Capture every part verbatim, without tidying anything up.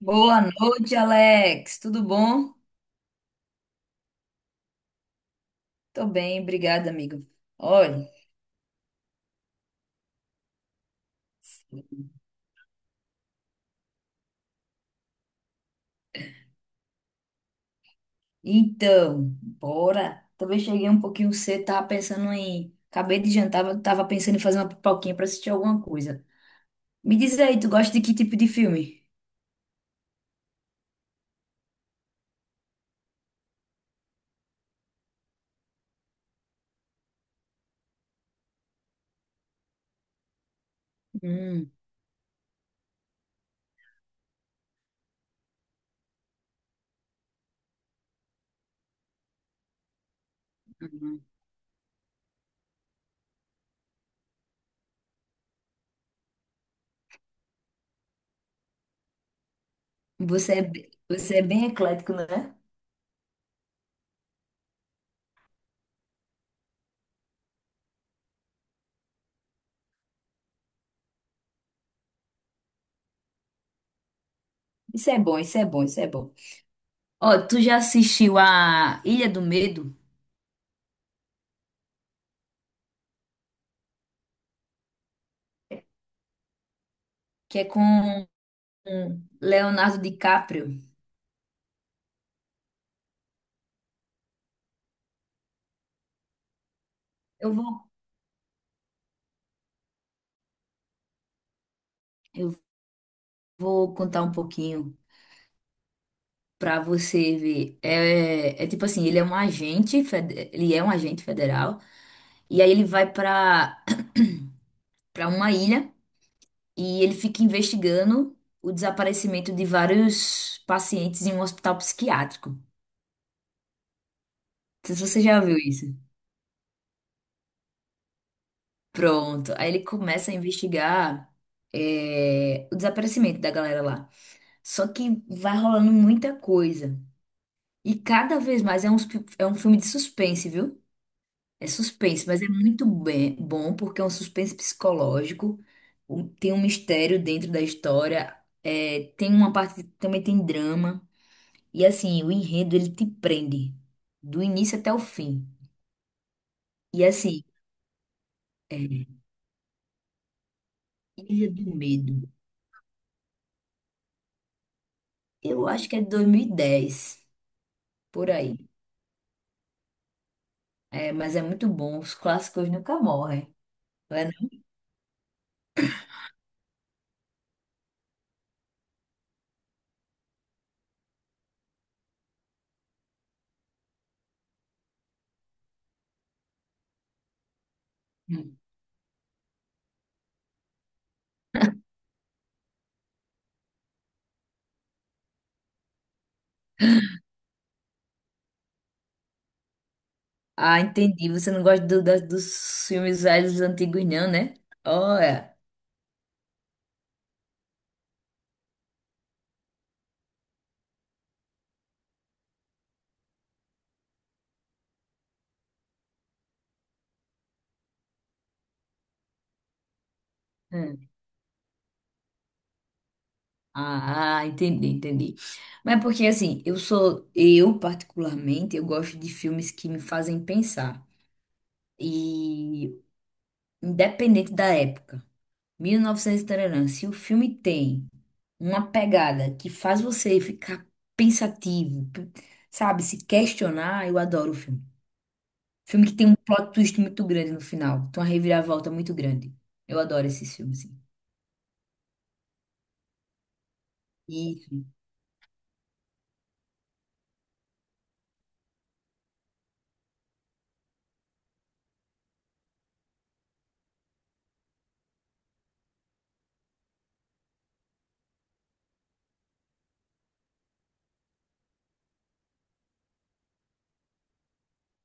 Boa noite, Alex. Tudo bom? Tô bem, obrigada, amigo. Olha, então, bora. Talvez cheguei um pouquinho cedo, tava pensando em. Acabei de jantar, mas tava pensando em fazer uma pipoquinha pra assistir alguma coisa. Me diz aí, tu gosta de que tipo de filme? Hum, uhum. Você é, be- você é bem eclético, né? Isso é bom, isso é bom, isso é bom. Ó, tu já assistiu a Ilha do Medo, que é com Leonardo DiCaprio? Eu vou, eu vou contar um pouquinho. Pra você ver, é, é tipo assim, ele é um agente, fed- ele é um agente federal, e aí ele vai pra para uma ilha e ele fica investigando o desaparecimento de vários pacientes em um hospital psiquiátrico. Não sei se você já viu isso. Pronto. Aí ele começa a investigar é, o desaparecimento da galera lá. Só que vai rolando muita coisa. E cada vez mais é um, é um filme de suspense, viu? É suspense, mas é muito bem, bom porque é um suspense psicológico, um- tem um mistério dentro da história, é, tem uma parte, também tem drama, e assim, o enredo ele te prende do início até o fim. E assim, é, Ilha do Medo, eu acho que é de dois mil e dez por aí. É, mas é muito bom, os clássicos nunca morrem, não é não? Ah, entendi, você não gosta do- da- dos filmes velhos dos antigos não, né? Olha. É. Ah, ah, entendi, entendi. Mas porque assim, eu sou, eu particularmente, eu gosto de filmes que me fazem pensar. E independente da época, mil e novecentos e novecentos e taranã, se o filme tem uma pegada que faz você ficar pensativo, p- sabe, se questionar, eu adoro o filme. Filme que tem um plot twist muito grande no final, tem uma reviravolta muito grande. Eu adoro esses filmes, sim. Isso.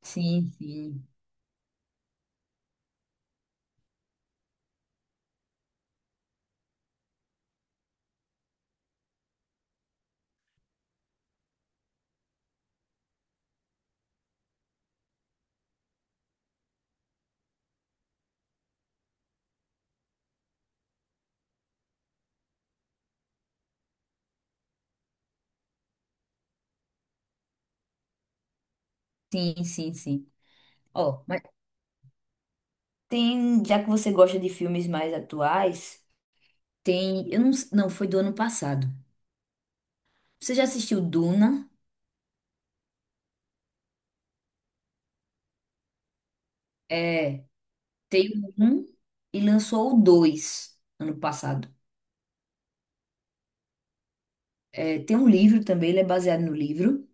Sim, sim. Sim, sim, sim. Ó, mas tem, já que você gosta de filmes mais atuais, tem, eu não, s- não, foi do ano passado. Você já assistiu Duna? É, tem o um e lançou o dois ano passado. É, tem um livro também, ele é baseado no livro,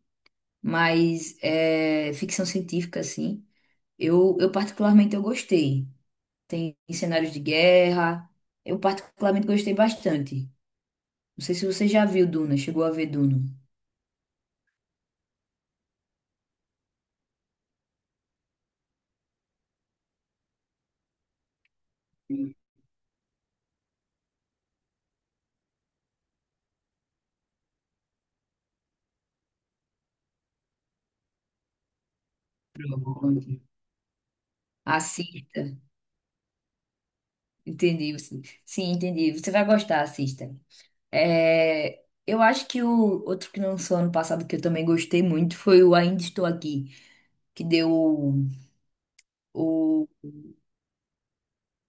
mas é ficção científica, assim. Eu, eu particularmente eu gostei. Tem cenários de guerra, eu particularmente gostei bastante. Não sei se você já viu Duna, chegou a ver Duna. Pronto. Assista. Entendi, sim. Sim, entendi. Você vai gostar, assista. É, eu acho que o outro que lançou ano passado que eu também gostei muito foi o Ainda Estou Aqui, que deu o, o,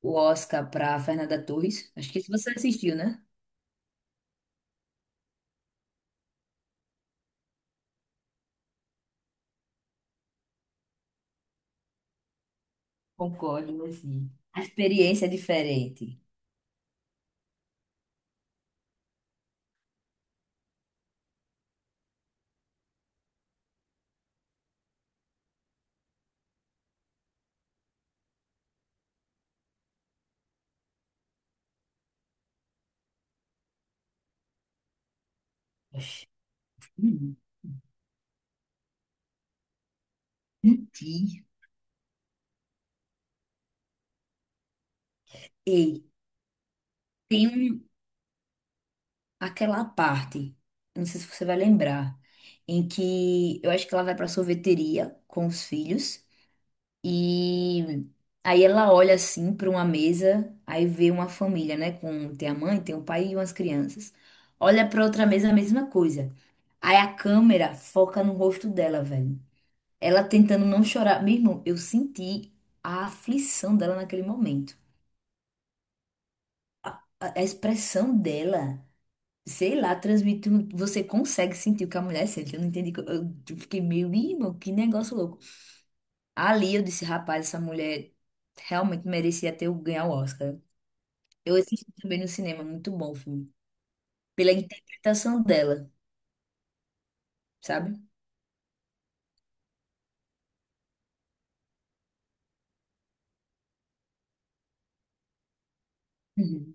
o Oscar para Fernanda Torres. Acho que se você assistiu, né? Concordo, mas sim. A experiência é diferente. Oxi. Hum, Menti. Ei, tem um- aquela parte, não sei se você vai lembrar, em que eu acho que ela vai para sorveteria com os filhos. E aí ela olha assim para uma mesa, aí vê uma família, né? Com tem a mãe, tem o pai e umas crianças. Olha para outra mesa, a mesma coisa. Aí a câmera foca no rosto dela, velho. Ela tentando não chorar. Meu irmão, eu senti a aflição dela naquele momento. A, a expressão dela, sei lá, transmite. um- Você consegue sentir o que a mulher sente. Eu não entendi. Eu, eu fiquei meio, "Ih, irmão, que negócio louco. Ali eu disse, rapaz, essa mulher realmente merecia ter o- ganhar o Oscar. Eu assisti também no cinema, muito bom o filme. Pela interpretação dela, sabe? Uhum.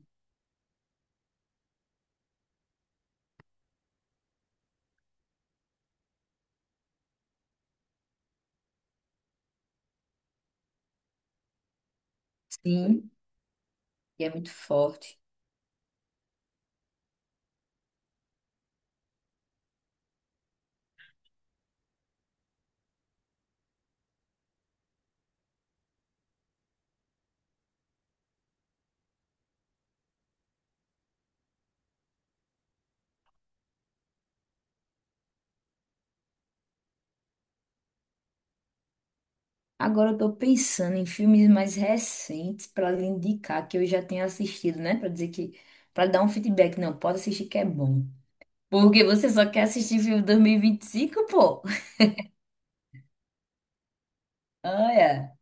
Sim, e é muito forte. Agora eu tô pensando em filmes mais recentes pra lhe indicar que eu já tenho assistido, né? Pra dizer que. Pra dar um feedback. Não, pode assistir que é bom. Porque você só quer assistir filme dois mil e e vinte e cinco, pô? Olha.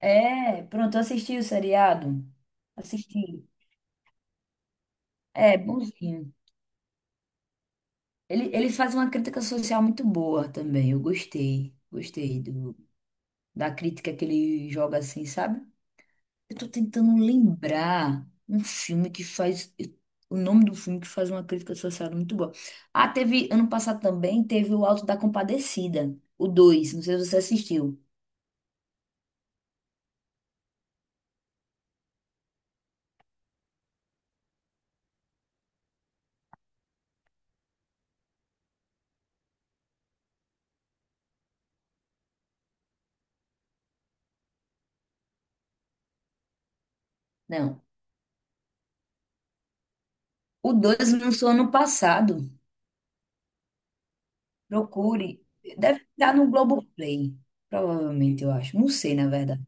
É, pronto, eu assisti o seriado. Assisti. É, bonzinho. Ele, ele faz uma crítica social muito boa também. Eu gostei. Gostei do. Da crítica que ele joga assim, sabe? Eu tô tentando lembrar um filme que faz. O nome do filme que faz uma crítica social muito boa. Ah, teve. Ano passado também teve o Alto da Compadecida, o dois. Não sei se você assistiu. Não. O dois lançou ano passado. Procure. Deve estar no Globoplay. Provavelmente, eu acho. Não sei, na verdade.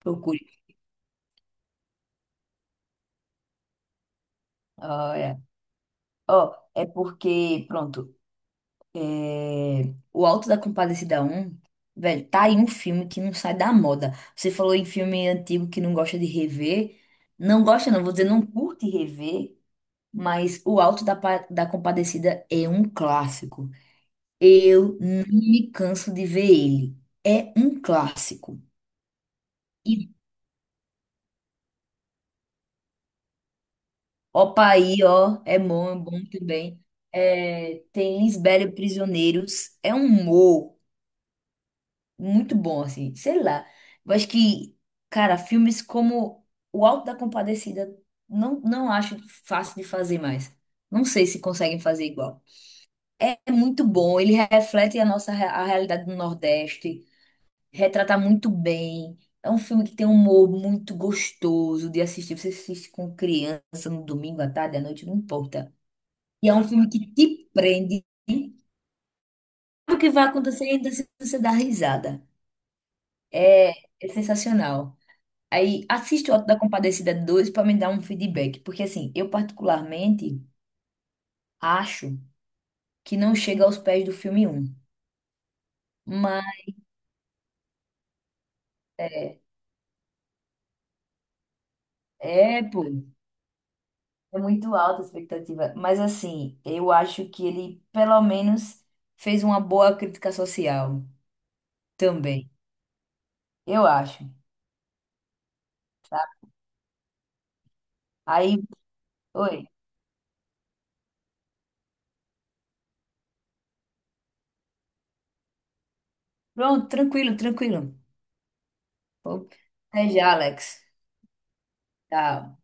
Procure. Ah, é. Ó, é porque, pronto. É, O Alto da Compadecida um velho, tá aí um filme que não sai da moda. Você falou em filme antigo que não gosta de rever. Não gosta, não, vou dizer, não curte rever, mas O Alto da, Pa- da Compadecida é um clássico. Eu não me canso de ver ele. É um clássico. E opa aí, ó, é bom, é bom também. É, tem Lisbela e Prisioneiros. É um humor. Muito bom, assim, sei lá. Eu acho que, cara, filmes como O Alto da Compadecida não, não acho fácil de fazer mais. Não sei se conseguem fazer igual. É muito bom, ele reflete a nossa re- a realidade do Nordeste, retrata muito bem. É um filme que tem um humor muito gostoso de assistir. Você assiste com criança no domingo à tarde, à noite, não importa. E é um filme que te prende. Sabe o que vai acontecer ainda se você dar risada. É, é sensacional. Aí assisto o Auto da Compadecida dois para me dar um feedback, porque assim, eu particularmente acho que não chega aos pés do filme um. Mas é, é, pô, é muito alta a expectativa, mas assim, eu acho que ele pelo menos fez uma boa crítica social também. Eu acho. Aí, oi. Pronto, tranquilo, tranquilo. Pô, até já, Alex. Tchau.